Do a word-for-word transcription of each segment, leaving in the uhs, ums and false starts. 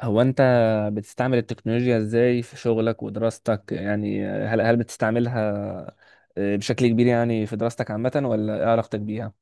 هو انت بتستعمل التكنولوجيا ازاي في شغلك ودراستك؟ يعني هل هل بتستعملها؟ آه، بشكل كبير يعني في دراستك عامة ولا ايه علاقتك بيها؟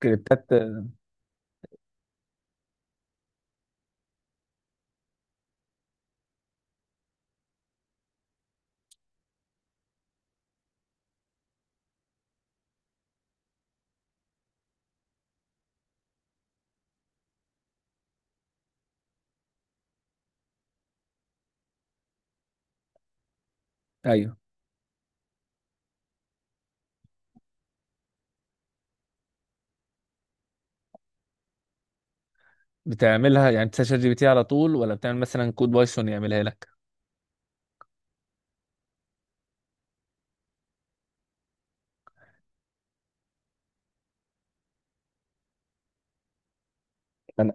سكريبتات آه، ايوه. بتعملها يعني؟ بتسأل شات جي بي تي على طول ولا بتعمل مثلا كود بايثون يعملها لك؟ انا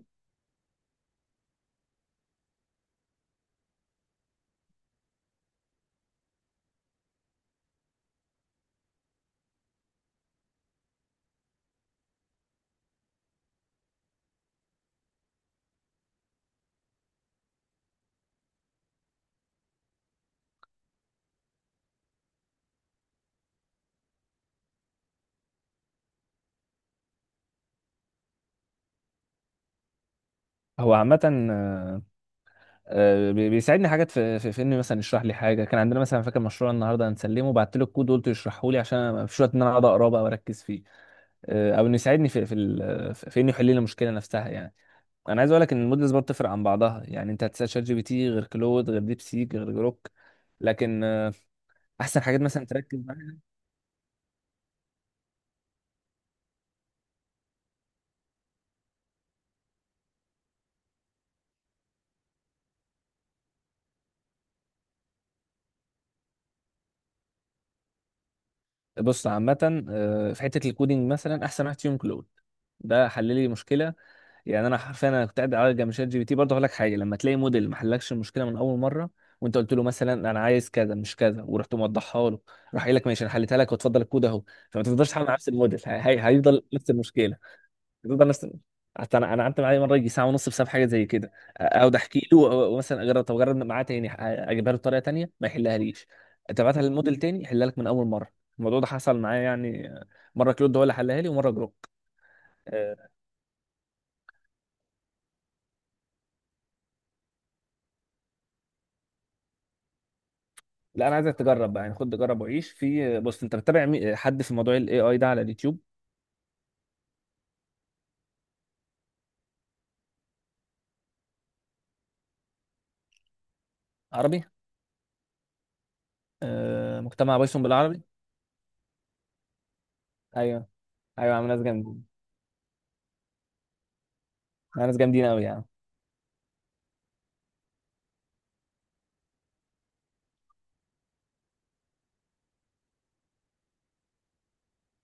هو عامة آه، آه، بي- بيساعدني حاجات في في في انه مثلا يشرح لي حاجة. كان عندنا مثلا، فاكر مشروع النهارده هنسلمه، بعت له الكود وقلت يشرحه لي عشان أنا ما فيش وقت ان انا اقعد اقراه بقى واركز فيه. آه، او انه يساعدني في في ال- في انه يحل لي المشكلة نفسها يعني. انا عايز اقول لك ان المودلز برضه بتفرق عن بعضها، يعني انت هتسال شات جي بي تي غير كلود غير ديب سيك غير جروك. لكن آه، احسن حاجات مثلا تركز معاها. بص عامه، آه، في حته الكودينج مثلا احسن واحد فيهم كلود، ده حل لي مشكله يعني. انا حرفيا انا كنت قاعد على جنب. شات جي بي تي برضه هقول لك حاجه، لما تلاقي موديل ما حلكش المشكله من اول مره، وانت قلت له مثلا انا عايز كذا مش كذا ورحت موضحها له، راح قايل لك ماشي انا حليتها لك وتفضل الكود اهو، فما تفضلش تحل مع نفس الموديل. هي- هي- هيفضل نفس المشكله، بتفضل نفس. حتى انا، انا قعدت معايا مره يجي ساعه ونص بسبب حاجه زي كده، اقعد احكي له، أو- مثلا اجرب، طب اجرب معاه تاني، أ- اجيبها له بطريقه تانيه ما يحلها ليش. تبعتها للموديل تاني يحلها لك من اول مره. الموضوع ده حصل معايا يعني، مره كلود هو اللي حلها لي ومره جروك. أه، لا انا عايزك تجرب بقى يعني، خد جرب وعيش في. بص، انت بتتابع مي- حد في موضوع الاي اي ده على اليوتيوب؟ عربي، أه، مجتمع بايثون بالعربي. ايوه، ايوه عم. ناس جامدين، ناس جامدين قوي يعني.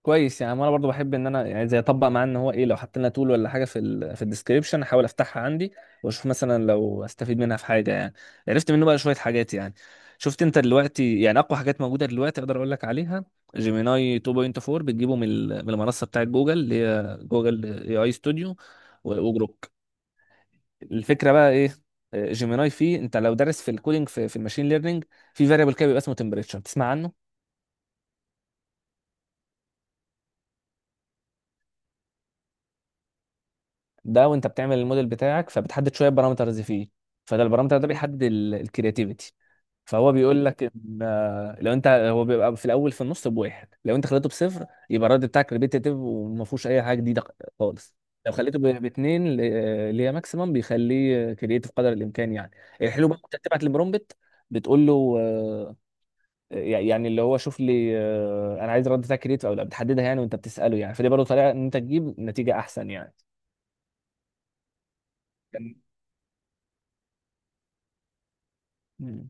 كويس يعني. انا برضو بحب ان انا يعني زي اطبق معاه، ان هو ايه لو حط لنا تول ولا حاجه في ال في الديسكربشن، احاول افتحها عندي واشوف مثلا لو استفيد منها في حاجه يعني. عرفت منه بقى شويه حاجات يعني. شفت انت دلوقتي يعني اقوى حاجات موجوده دلوقتي اقدر اقول لك عليها؟ جيميناي اتنين نقطه اربعه، بتجيبه من ال- من المنصه بتاعت جوجل اللي هي جوجل اي اي ستوديو، و- وجروك. الفكره بقى ايه؟ جيميناي فيه انت لو دارس في الكودينج في, في الماشين ليرنينج، في فاريبل كده بيبقى اسمه تمبريتشر، تسمع عنه. ده وانت بتعمل الموديل بتاعك فبتحدد شويه بارامترز فيه، فده البارامتر ده بيحدد الكرياتيفيتي. فهو بيقول لك ان آه، لو انت، هو بيبقى في الاول في النص بواحد، لو انت خليته بصفر يبقى الرد بتاعك ريبيتيتيف وما فيهوش اي حاجه جديده خالص. لو خليته ب- باثنين، ل- آه، اللي هي ماكسيمم، بيخليه كرياتيف قدر الامكان يعني. الحلو بقى انت بتبعت البرومبت، بتقول له آه، يعني اللي هو شوف لي، آه، انا عايز الرد بتاعك كرياتيف او لا، بتحددها يعني وانت بتساله يعني، فدي برضه طريقه ان انت تجيب نتيجه احسن يعني. كان- مم.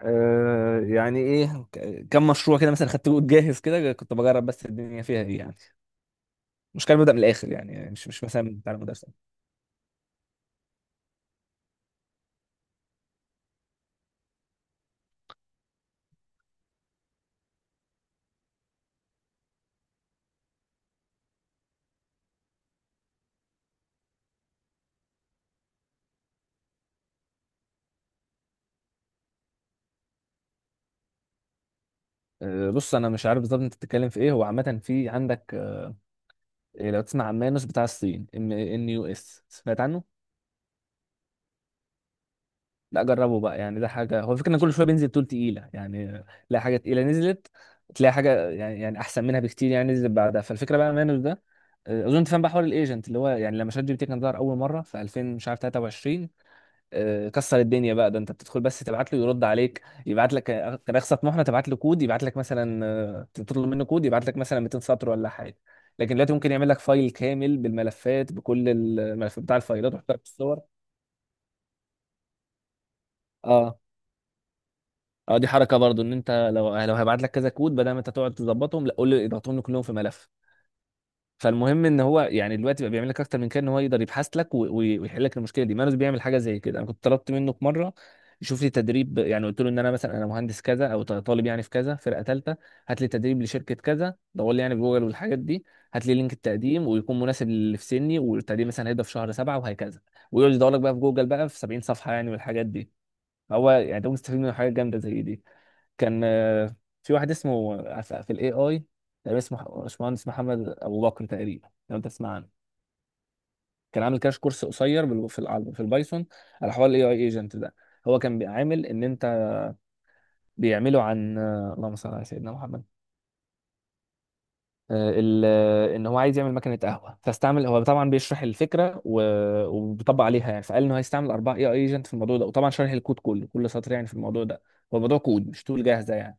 آه يعني ايه. ك- كم مشروع كده مثلا خدته جاهز كده، كنت بجرب بس الدنيا فيها ايه يعني. مش كان ببدأ من الاخر يعني، مش مش مثلا من بتاع المدرسه. آه بص، انا مش عارف بالظبط انت بتتكلم في ايه. هو عامه في عندك، آه لو تسمع عن مانوس بتاع الصين، ام ان يو اس، سمعت عنه؟ لا جربه بقى يعني، ده حاجه. هو الفكره ان كل شويه بينزل تول تقيله يعني، آه، تلاقي حاجه تقيله نزلت، تلاقي حاجه يعني يعني احسن منها بكتير يعني نزلت بعدها. فالفكره بقى مانوس ده، آه، اظن تفهم بقى حوار الايجنت اللي هو يعني، لما شات جي بي تي كان ظهر اول مره في الفين مش عارف تلاته وعشرين، آه، كسر الدنيا بقى. ده انت بتدخل بس تبعت له يرد عليك، يبعت لك آه، كنخسة طموحنا، تبعت له كود يبعت لك مثلا، آه، تطلب منه كود يبعت لك مثلا ميتين سطر ولا حاجه. لكن دلوقتي ممكن يعمل لك فايل كامل بالملفات، بكل الملفات بتاع الفايلات، ويحط لك الصور. اه، اه دي حركه برضو، ان انت لو لو هيبعت لك كذا كود، بدل ما انت تقعد تظبطهم لا قول له اضغطهم لي كلهم في ملف. فالمهم ان هو يعني دلوقتي بقى بيعمل لك اكتر من كده، ان هو يقدر يبحث لك و- و- ويحل لك المشكله دي. مانوس بيعمل حاجه زي كده. انا كنت طلبت منه في مره يشوف لي تدريب يعني، قلت له ان انا مثلا، انا مهندس كذا او ط- طالب يعني في كذا فرقه ثالثه، هات لي تدريب لشركه كذا، دور لي يعني في جوجل والحاجات دي، هات لي لينك التقديم ويكون مناسب للي في سني، والتقديم مثلا هيبدا في شهر سبعه وهكذا، ويقعد يدور لك بقى في جوجل بقى في سبعين صفحه يعني والحاجات دي. هو يعني ده مستفيد من حاجه جامده زي دي. كان آه، في واحد اسمه عف- في الاي اي، تقريبا اسمه باشمهندس محمد ابو بكر تقريبا، لو انت تسمع عنه. كان عامل كاش كورس قصير بال- في ال- في البايثون على حوار الاي اي ايجنت ده. هو كان بيعامل ان انت بيعمله عن، آه، اللهم صل على سيدنا محمد، آه، ال- آه، ان هو عايز يعمل مكنه قهوه. فاستعمل هو طبعا بيشرح الفكره و- وبيطبق عليها يعني، فقال انه هيستعمل اربعه اي اي ايجنت في الموضوع ده، وطبعا شرح الكود كله كل سطر يعني في الموضوع ده. هو الموضوع كود مش تول جاهزه يعني.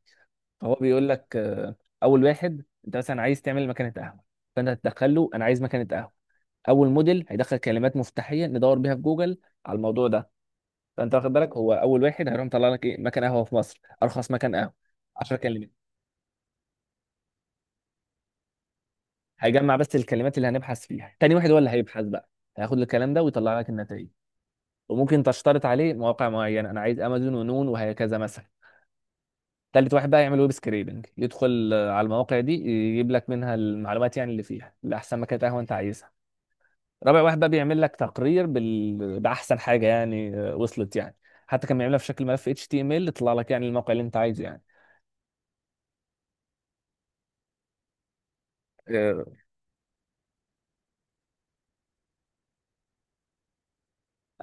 هو بيقول لك آه، اول واحد، انت مثلا عايز تعمل مكنه قهوه، فانت هتدخل له انا عايز مكنه قهوه، اول موديل هيدخل كلمات مفتاحيه ندور بيها في جوجل على الموضوع ده. فانت واخد بالك، هو اول واحد هيروح مطلع لك ايه مكان قهوه في مصر، ارخص مكان قهوه، عشر كلمات، هيجمع بس الكلمات اللي هنبحث فيها. تاني واحد هو اللي هيبحث بقى، هياخد الكلام ده ويطلع لك النتائج. وممكن تشترط عليه مواقع معينه، انا عايز امازون ونون وهكذا مثلا. تالت واحد بقى يعمل ويب سكريبنج، يدخل آه، على المواقع دي يجيب لك منها المعلومات يعني اللي فيها، لاحسن مكان قهوه انت عايزها. رابع واحد بقى بيعمل لك تقرير بال... باحسن حاجه يعني آه، وصلت يعني. حتى كان بيعملها في شكل ملف اتش تي ام ال، تطلع لك يعني الموقع اللي انت عايزه يعني. آه،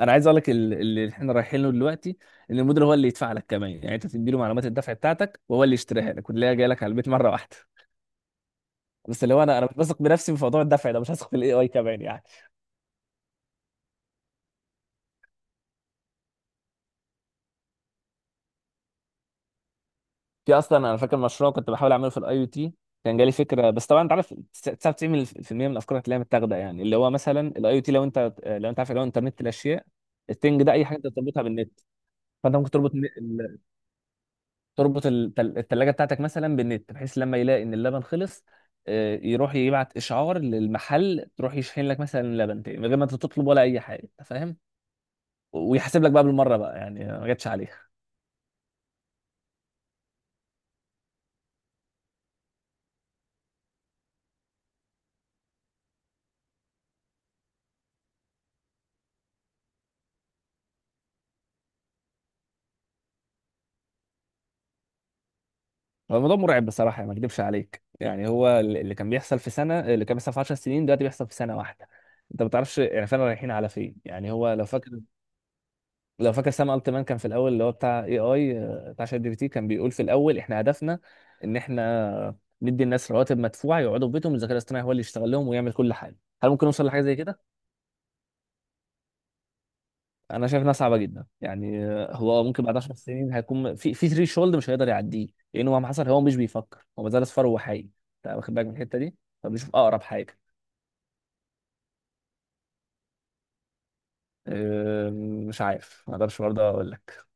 انا عايز اقول لك ال- اللي احنا رايحين له دلوقتي، ان المدير هو اللي يدفع لك كمان يعني. انت تدي له معلومات الدفع بتاعتك وهو اللي يشتريها لك، واللي هي جايه لك على البيت مره واحده. بس اللي هو انا، انا مش بثق بنفسي في موضوع الدفع ده، مش هثق في الاي اي كمان يعني. في اصلا انا فاكر مشروع كنت بحاول اعمله في الاي او تي، كان جالي فكره بس طبعا انت عارف تسعة وتسعين بالمئة من الافكار هتلاقيها متاخده يعني. اللي هو مثلا الاي او تي، لو انت لو انت عارف اللي هو انترنت الاشياء، التنج ده، اي حاجه انت تربطها بالنت. فانت ممكن تربط ال- تربط التل- التلاجه بتاعتك مثلا بالنت، بحيث لما يلاقي ان اللبن خلص، آه، يروح يبعت اشعار للمحل، تروح يشحن لك مثلا لبن تاني من غير ما انت تطلب ولا اي حاجه، انت فاهم. ويحاسب لك بقى بالمره بقى يعني ما جاتش عليه. هو الموضوع مرعب بصراحة يعني، ما اكدبش عليك يعني. هو اللي كان بيحصل في سنة، اللي كان بيحصل في عشر سنين دلوقتي بيحصل في سنة واحدة. انت ما تعرفش يعني فعلا رايحين على فين يعني. هو لو فاكر، لو فاكر سام التمان كان في الاول اللي هو بتاع اي اي بتاع شات جي بي تي، كان بيقول في الاول احنا هدفنا ان احنا ندي الناس رواتب مدفوعة يقعدوا في بيتهم، الذكاء الاصطناعي هو اللي يشتغل لهم ويعمل كل حاجة. هل ممكن نوصل لحاجة زي كده؟ انا شايف انها صعبه جدا يعني. آه، هو ممكن بعد عشر سنين هيكون في في ثري شولد مش هيقدر يعديه، لانه مهما حصل هو مش بيفكر، هو ما زال اصفر وهو حي. انت واخد بالك من الحته دي؟ فبيشوف اقرب حاجه. آه، مش عارف، ما اقدرش برضه اقول لك.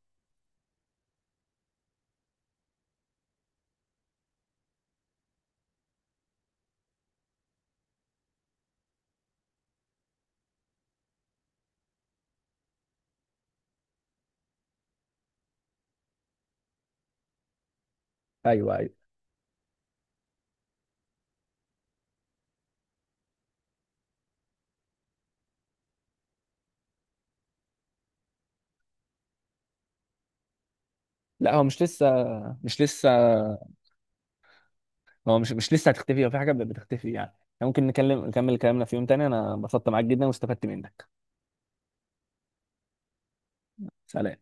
ايوه، ايوه. لا هو مش لسه، مش لسه. هو مش مش لسه هتختفي، هو في حاجه بتختفي يعني. ممكن نكلم نكمل كلامنا في يوم تاني، انا انبسطت معاك جدا واستفدت منك. سلام.